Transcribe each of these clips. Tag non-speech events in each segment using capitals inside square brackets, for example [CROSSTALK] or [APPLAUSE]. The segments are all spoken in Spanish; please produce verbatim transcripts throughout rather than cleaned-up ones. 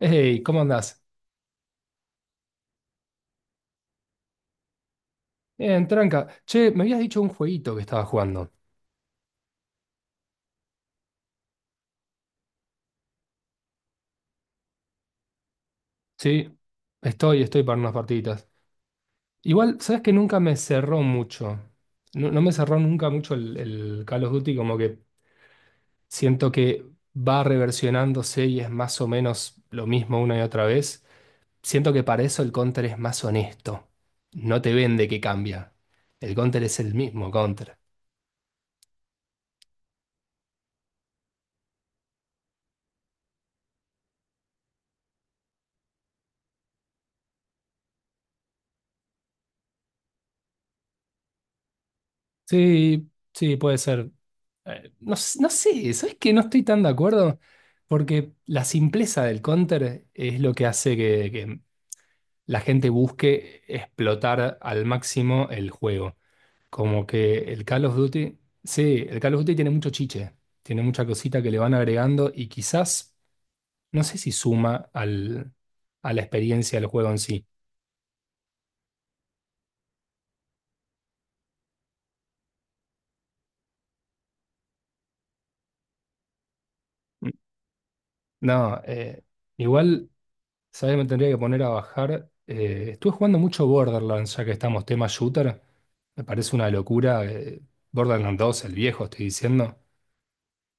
Hey, ¿cómo andás? Bien, tranca. Che, me habías dicho un jueguito que estabas jugando. Sí, estoy, estoy para unas partiditas. Igual, sabes que nunca me cerró mucho. No, no me cerró nunca mucho el, el Call of Duty, como que siento que va reversionándose y es más o menos lo mismo una y otra vez. Siento que para eso el Counter es más honesto. No te vende que cambia. El Counter es el mismo Counter. Sí, sí, puede ser. Eh, no, s- no sé, ¿sabes que no estoy tan de acuerdo porque la simpleza del counter es lo que hace que, que la gente busque explotar al máximo el juego? Como que el Call of Duty, sí, el Call of Duty tiene mucho chiche, tiene mucha cosita que le van agregando y quizás, no sé si suma al, a la experiencia del juego en sí. No, eh, igual. ¿Sabes? Me tendría que poner a bajar. Eh, estuve jugando mucho Borderlands, ya que estamos tema shooter. Me parece una locura. eh, Borderlands dos, el viejo, estoy diciendo.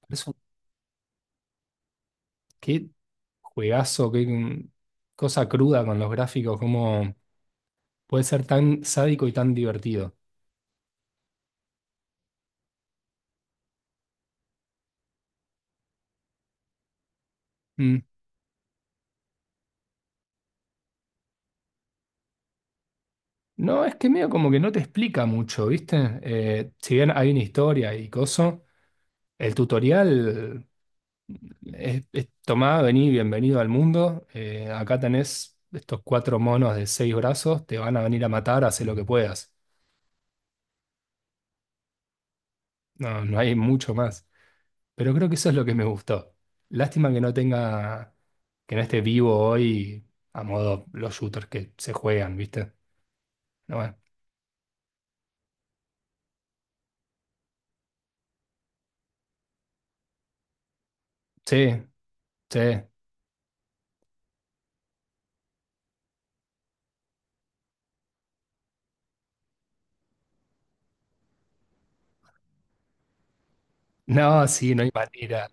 Es un, Qué juegazo, qué mm, cosa cruda con los gráficos, cómo puede ser tan sádico y tan divertido. Mm. No, es que medio como que no te explica mucho, ¿viste? Eh, si bien hay una historia y coso, el tutorial Es, es- tomá, vení, bienvenido al mundo. Eh, acá tenés estos cuatro monos de seis brazos, te van a venir a matar, haz lo que puedas. No, no hay mucho más. Pero creo que eso es lo que me gustó. Lástima que no tenga, que no esté vivo hoy a modo los shooters que se juegan, ¿viste? No, bueno. Sí, sí. No, sí, no hay manera.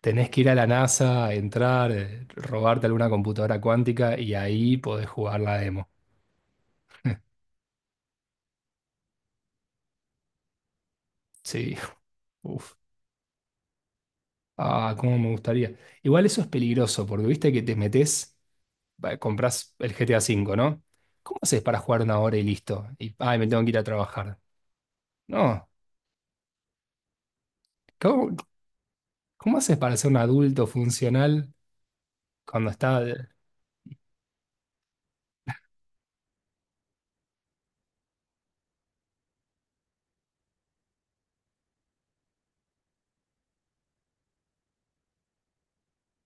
Tenés que ir a la NASA, entrar, eh, robarte alguna computadora cuántica y ahí podés jugar la demo. Sí, [LAUGHS] uff. Ah, cómo me gustaría. Igual eso es peligroso, porque viste que te metes, va, compras el G T A cinco, ¿no? ¿Cómo haces para jugar una hora y listo? Y, ay, me tengo que ir a trabajar. No, ¿cómo, cómo haces para ser un adulto funcional cuando está...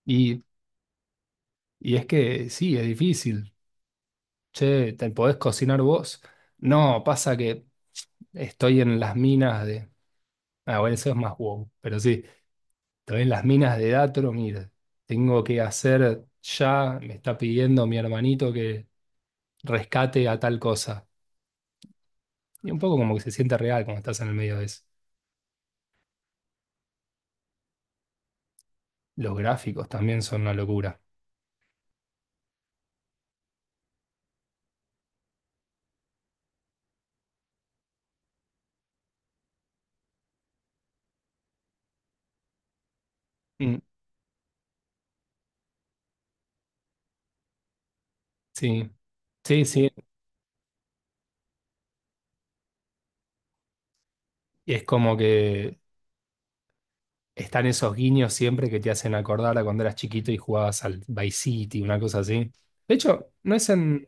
Y, y es que sí, es difícil. Che, ¿te podés cocinar vos? No, pasa que estoy en las minas de... Ah, bueno, eso es más wow, pero sí. Entonces las minas de Datro, mira, tengo que hacer ya, me está pidiendo mi hermanito que rescate a tal cosa. Y un poco como que se siente real cuando estás en el medio de eso. Los gráficos también son una locura. Mm, sí, sí, sí. Y es como que están esos guiños siempre que te hacen acordar a cuando eras chiquito y jugabas al Vice City, una cosa así. De hecho, no es en,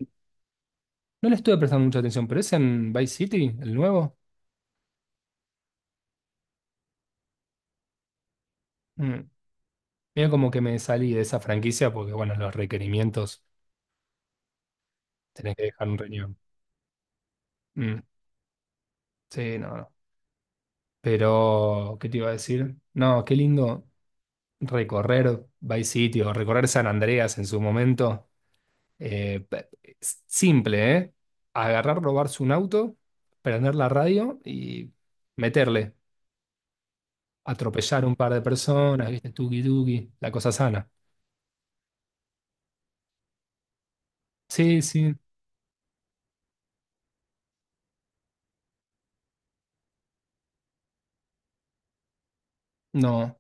no le estuve prestando mucha atención, pero es en Vice City, el nuevo. Mm. Mira como que me salí de esa franquicia porque, bueno, los requerimientos. Tenés que dejar un riñón. Mm, sí, no, no. Pero, ¿qué te iba a decir? No, qué lindo recorrer Vice City o recorrer San Andreas en su momento. Eh, pe- es simple, ¿eh? Agarrar, robarse un auto, prender la radio y meterle. Atropellar un par de personas, ¿viste? Tuki tuki, la cosa sana. Sí, sí, no.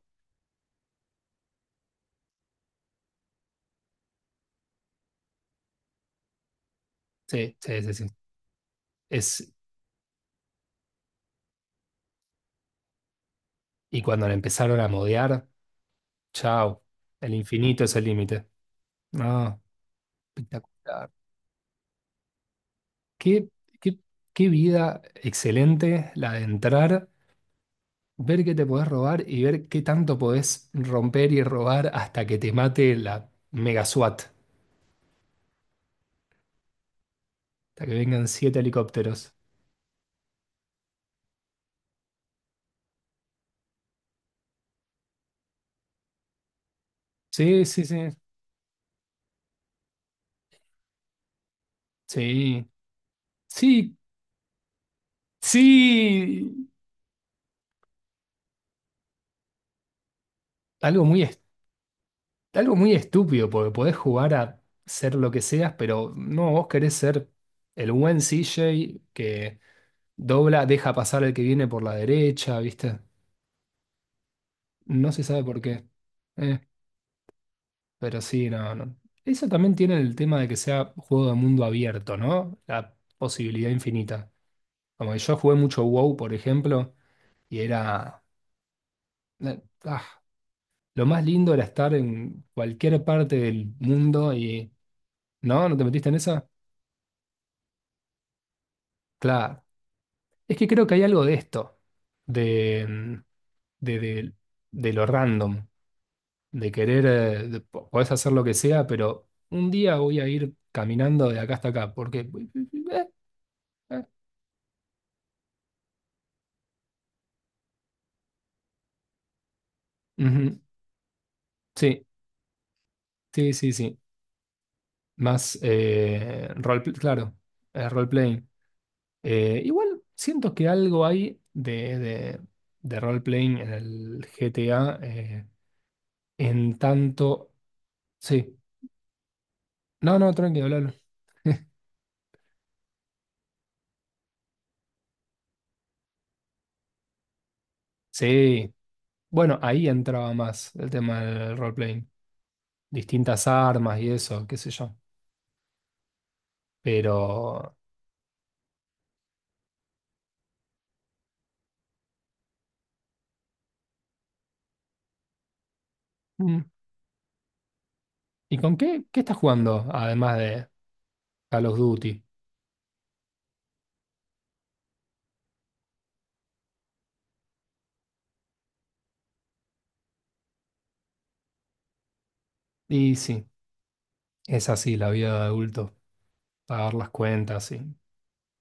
Sí, sí, sí, sí. Es, y cuando le empezaron a modear, chao. El infinito es el límite. No, espectacular. Qué, qué, qué vida excelente la de entrar, ver qué te podés robar y ver qué tanto podés romper y robar hasta que te mate la mega SWAT, hasta que vengan siete helicópteros. Sí, sí, sí, sí, sí, sí. Algo muy, est- Algo muy estúpido, porque podés jugar a ser lo que seas, pero no, vos querés ser el buen C J que dobla, deja pasar al que viene por la derecha, ¿viste? No se sabe por qué. eh. Pero sí, no, no. Eso también tiene el tema de que sea juego de mundo abierto, ¿no? La posibilidad infinita. Como que yo jugué mucho WoW, por ejemplo, y era... eh, ah, lo más lindo era estar en cualquier parte del mundo y... ¿No? ¿No te metiste en esa? Claro. Es que creo que hay algo de esto, de, mm, de, de- de lo random, de querer... eh, de- po- podés hacer lo que sea, pero un día voy a ir caminando de acá hasta acá, porque... eh, eh, eh, ujú. Sí, sí, sí, sí. Más, eh, role, pl- claro, eh, role-playing. Eh, igual siento que algo hay de, de, de role-playing en el G T A, eh, en tanto. Sí. No, no, tranquilo, hablalo. Sí. Bueno, ahí entraba más el tema del role-playing. Distintas armas y eso, qué sé yo. Pero. mm, ¿Y con qué? ¿Qué estás jugando? Además de Call of Duty. Y sí, es así la vida de adulto. Pagar las cuentas y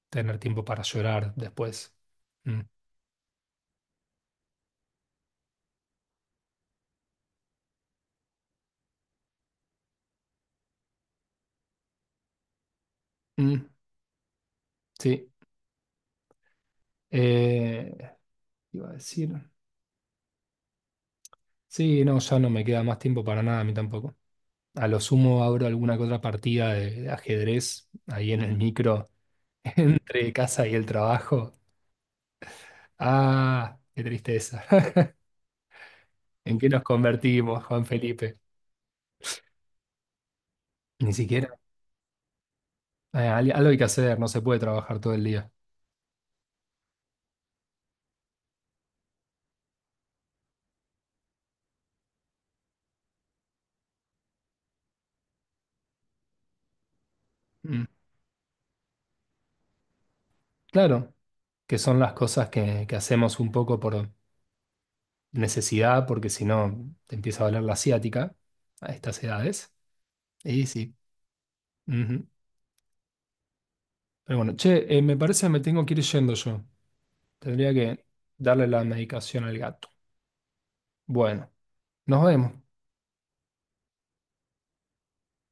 tener tiempo para llorar después. Mm, mm, sí. Eh, Iba a decir. Sí, no, ya no me queda más tiempo para nada, a mí tampoco. A lo sumo abro alguna que otra partida de, ajedrez ahí en el micro, [LAUGHS] entre casa y el trabajo. Ah, qué tristeza. [LAUGHS] ¿En qué nos convertimos, Juan Felipe? Ni siquiera. Eh, al- algo hay que hacer, no se puede trabajar todo el día. Mm. Claro, que son las cosas que, que hacemos un poco por necesidad, porque si no te empieza a doler la ciática a estas edades. Y sí. Ujú. Pero bueno, che, eh, me parece que me tengo que ir yendo yo. Tendría que darle la medicación al gato. Bueno, nos vemos.